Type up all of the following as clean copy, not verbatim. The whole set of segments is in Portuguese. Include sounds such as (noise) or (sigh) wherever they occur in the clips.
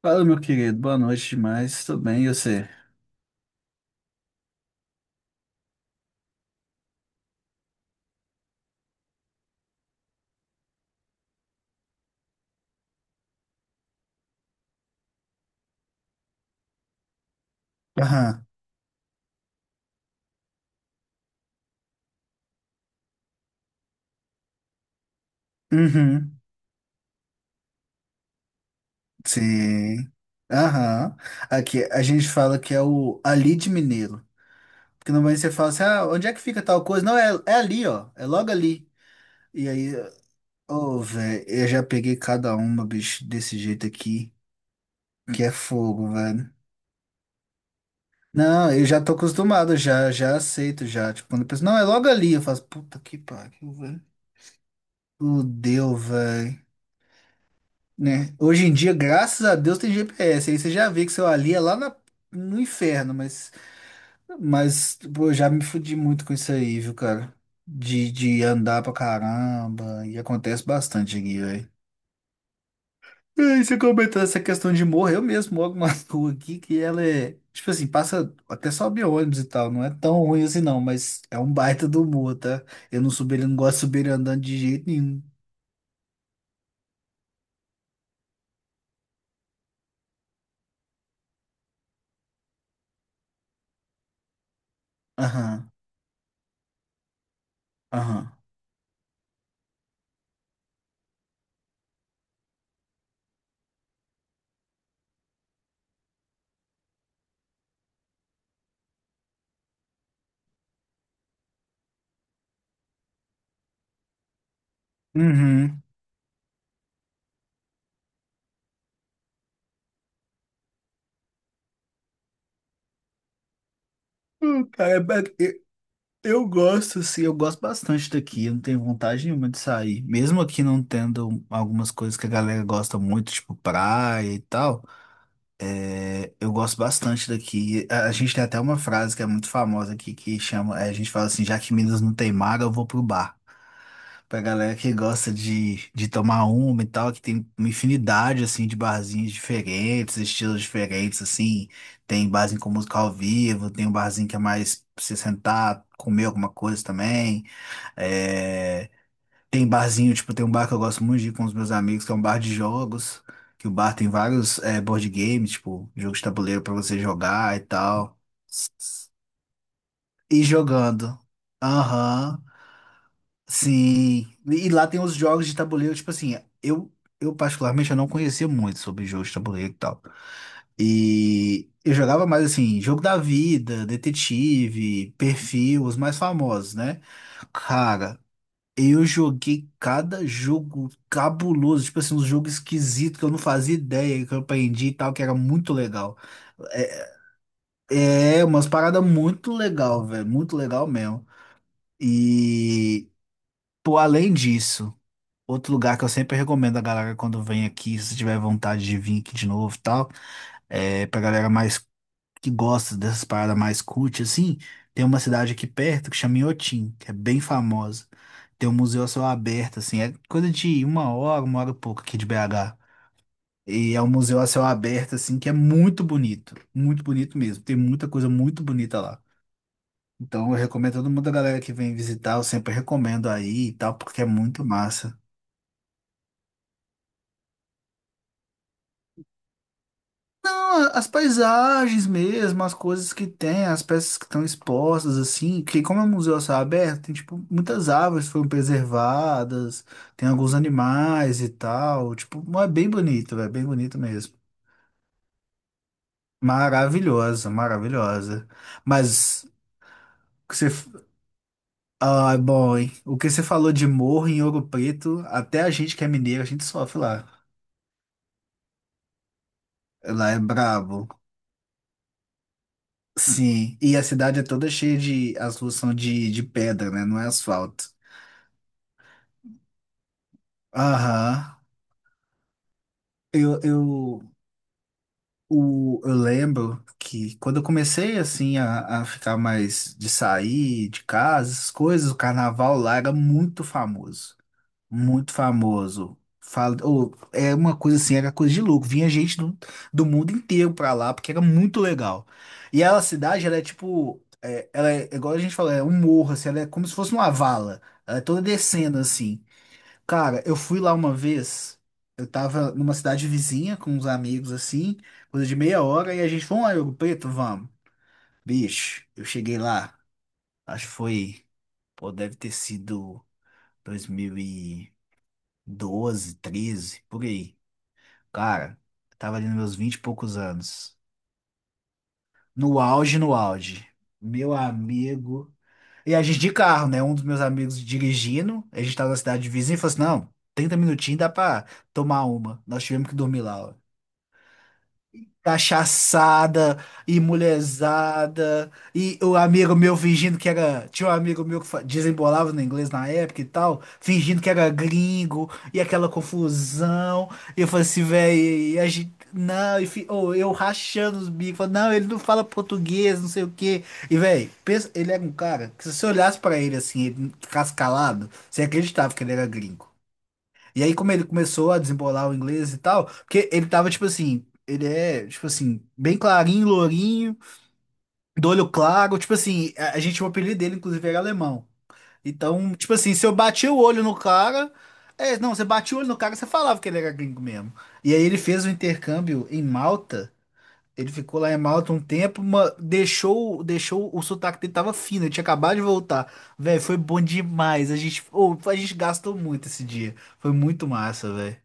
Fala, meu querido. Boa noite demais. Tudo bem, e você? Aham. Uhum. Sim. Aham. Aqui a gente fala que é o ali de Mineiro. Porque normalmente você fala assim, ah, onde é que fica tal coisa? Não, é ali, ó. É logo ali. E aí, ô, velho, eu já peguei cada uma, bicho, desse jeito aqui, que é fogo, velho. Não, eu já tô acostumado, já, já aceito, já. Tipo, quando a pessoa, não, é logo ali, eu faço, puta que pariu, velho. Fudeu, velho. Né? Hoje em dia, graças a Deus, tem GPS. Aí você já vê que seu ali é lá no inferno, mas pô, eu já me fudi muito com isso aí, viu, cara? De andar pra caramba, e acontece bastante aqui, velho. E aí você comentou essa questão de morro, eu mesmo moro numa (laughs) rua aqui que ela é, tipo assim, passa, até sobe ônibus e tal, não é tão ruim assim não, mas é um baita do morro, tá? Eu não subi, ele não gosto de subir ele andando de jeito nenhum. Aham, aham. Uhum. Cara, é, é, eu gosto, sim, eu gosto bastante daqui. Eu não tenho vontade nenhuma de sair. Mesmo aqui não tendo algumas coisas que a galera gosta muito, tipo praia e tal, é, eu gosto bastante daqui. A gente tem até uma frase que é muito famosa aqui que chama: é, a gente fala assim, já que Minas não tem mar, eu vou pro bar. Pra galera que gosta de tomar uma e tal, que tem uma infinidade, assim, de barzinhos diferentes, estilos diferentes, assim. Tem barzinho com música ao vivo, tem um barzinho que é mais pra você sentar, comer alguma coisa também. É, tem barzinho, tipo, tem um bar que eu gosto muito de ir com os meus amigos, que é um bar de jogos, que o bar tem vários board games, tipo, jogos de tabuleiro pra você jogar e tal. E jogando. Aham. Sim. E lá tem os jogos de tabuleiro, tipo assim, eu, eu particularmente eu não conhecia muito sobre jogos de tabuleiro e tal. E eu jogava mais assim, jogo da vida, detetive, perfil, os mais famosos, né? Cara, eu joguei cada jogo cabuloso, tipo assim, um jogo esquisito que eu não fazia ideia, que eu aprendi e tal, que era muito legal. É umas paradas muito legal, velho, muito legal mesmo. E, pô, além disso, outro lugar que eu sempre recomendo a galera quando vem aqui, se tiver vontade de vir aqui de novo e tal, é pra galera mais que gosta dessas paradas mais cult, assim, tem uma cidade aqui perto que chama Inhotim, que é bem famosa. Tem um museu a céu aberto, assim, é coisa de uma hora e pouco aqui de BH. E é um museu a céu aberto, assim, que é muito bonito mesmo. Tem muita coisa muito bonita lá. Então eu recomendo a todo mundo, a galera que vem visitar, eu sempre recomendo aí e tal, porque é muito massa. Não, as paisagens mesmo, as coisas que tem, as peças que estão expostas, assim, que como é um museu a céu aberto, tem, tipo, muitas árvores foram preservadas, tem alguns animais e tal, tipo, é bem bonito mesmo. Maravilhosa, maravilhosa. Mas, o que você... Ah, bom, hein? O que você falou de morro em Ouro Preto, até a gente que é mineiro, a gente sofre lá. Lá é brabo. Sim, e a cidade é toda cheia de. As ruas são de pedra, né? Não é asfalto. Aham. Eu, eu, eu lembro que quando eu comecei assim a ficar mais de sair de casa, essas coisas, o carnaval lá era muito famoso. Muito famoso. Fala, ou, é uma coisa assim, era coisa de louco. Vinha gente do mundo inteiro pra lá, porque era muito legal. E ela, a cidade, ela é tipo. Ela é, igual a gente falou, é um morro, assim, ela é como se fosse uma vala. Ela é toda descendo assim. Cara, eu fui lá uma vez. Eu tava numa cidade vizinha com uns amigos assim, coisa de meia hora, e a gente, vamos lá, Ouro Preto, vamos. Bicho, eu cheguei lá, acho que foi, pô, deve ter sido 2012, 13, por aí. Cara, eu tava ali nos meus 20 e poucos anos. No auge, no auge. Meu amigo. E a gente de carro, né? Um dos meus amigos dirigindo, a gente tava na cidade vizinha e falou assim: não, 30 minutinhos dá pra tomar uma. Nós tivemos que dormir lá. Cachaçada e mulherzada. E o amigo meu fingindo que era. Tinha um amigo meu que desembolava no inglês na época e tal, fingindo que era gringo e aquela confusão. E eu falei assim, velho, e a gente. Não, e ô, eu rachando os bicos, falando, não, ele não fala português, não sei o quê. E, velho, ele era um cara que se você olhasse pra ele assim, ele cascalado, você acreditava que ele era gringo. E aí, como ele começou a desembolar o inglês e tal, porque ele tava, tipo assim, ele é, tipo assim, bem clarinho, lourinho, do olho claro, tipo assim, a gente, o apelido dele, inclusive, era alemão. Então, tipo assim, se eu bati o olho no cara, é, não, você batia o olho no cara, você falava que ele era gringo mesmo. E aí ele fez o intercâmbio em Malta, ele ficou lá em Malta um tempo, deixou, deixou, o sotaque dele tava fino, ele tinha acabado de voltar. Velho, foi bom demais, a gente, ô, a gente gastou muito esse dia, foi muito massa, velho.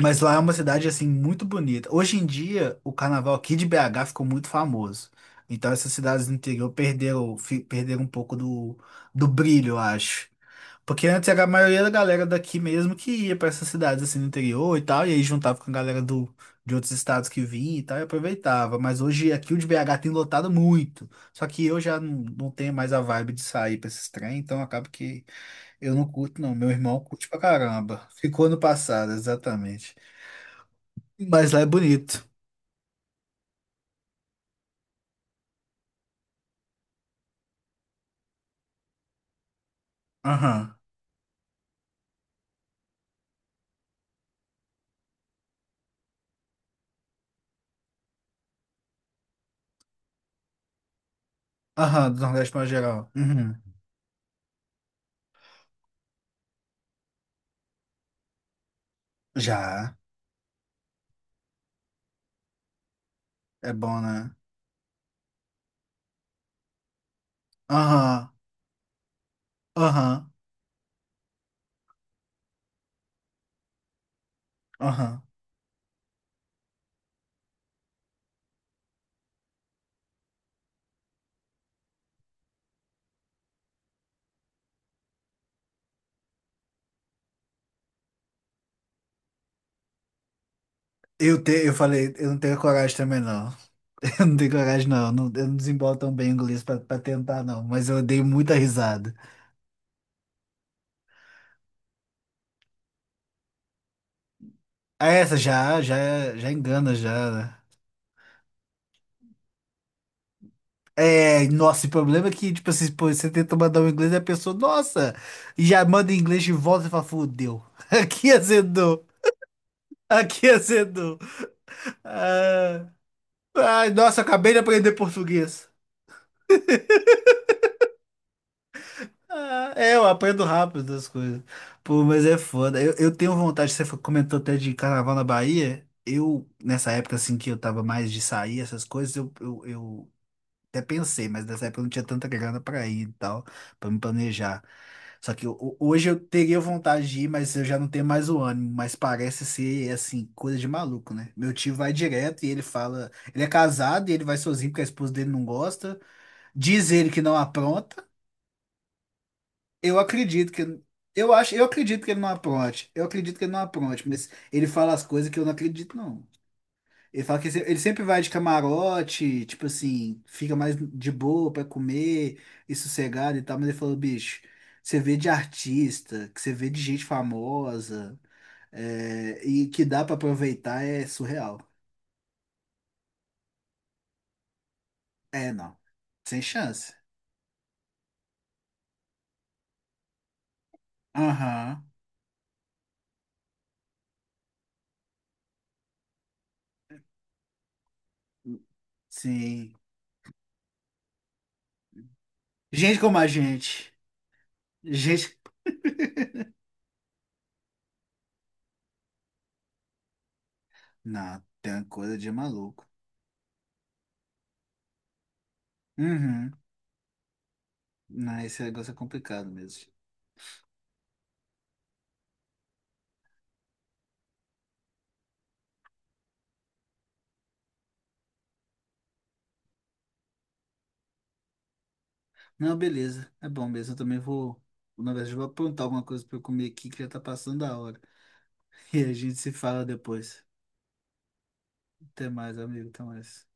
Mas lá é uma cidade assim muito bonita. Hoje em dia, o carnaval aqui de BH ficou muito famoso. Então essas cidades do interior perderam um pouco do brilho, eu acho. Porque antes era a maioria da galera daqui mesmo que ia para essas cidades assim no interior e tal, e aí juntava com a galera de outros estados que vinha e tal, e aproveitava. Mas hoje aqui o de BH tem lotado muito. Só que eu já não tenho mais a vibe de sair para esses trem, então acaba que eu não curto, não. Meu irmão curte pra caramba. Ficou no passado, exatamente. Mas lá é bonito. Aham. Aham, do Nordeste para geral. Uhum. Já. É bom, né? Aham. Aham. Aham. Eu falei, eu não tenho coragem também, não. (laughs) Eu não tenho coragem, não. Eu não desembolo tão bem o inglês pra tentar, não. Mas eu dei muita risada. Ah, essa já engana, já, né? É, nossa, o problema é que, tipo assim, pô, você tenta mandar um inglês e a pessoa, nossa, e já manda em inglês de volta e fala, fudeu. (laughs) Aqui azedou. Aqui azedou. Ai, nossa, acabei de aprender português. Ah, é, eu aprendo rápido as coisas. Pô, mas é foda. Eu tenho vontade, você comentou até de carnaval na Bahia. Eu, nessa época assim que eu tava mais de sair, essas coisas, eu até pensei, mas nessa época eu não tinha tanta grana pra ir e tal, pra me planejar. Só que hoje eu teria vontade de ir, mas eu já não tenho mais o ânimo. Mas parece ser, assim, coisa de maluco, né? Meu tio vai direto e ele fala. Ele é casado e ele vai sozinho porque a esposa dele não gosta. Diz ele que não apronta. Eu acredito que eu acho, eu acredito que ele não apronte. Eu acredito que ele não apronte, mas ele fala as coisas que eu não acredito não. Ele fala que ele sempre vai de camarote, tipo assim, fica mais de boa pra comer e sossegado e tal, mas ele falou, bicho, você vê de artista, que você vê de gente famosa, é, e que dá pra aproveitar é surreal. É, não. Sem chance. Aham. Sim. Gente como a gente. Gente. Não, tem uma coisa de maluco. Uhum. Não, esse negócio é complicado mesmo. Não, beleza. É bom mesmo. Eu também vou. Na verdade, eu vou aprontar alguma coisa pra eu comer aqui que já tá passando a hora. (laughs) E a gente se fala depois. Até mais, amigo. Até mais.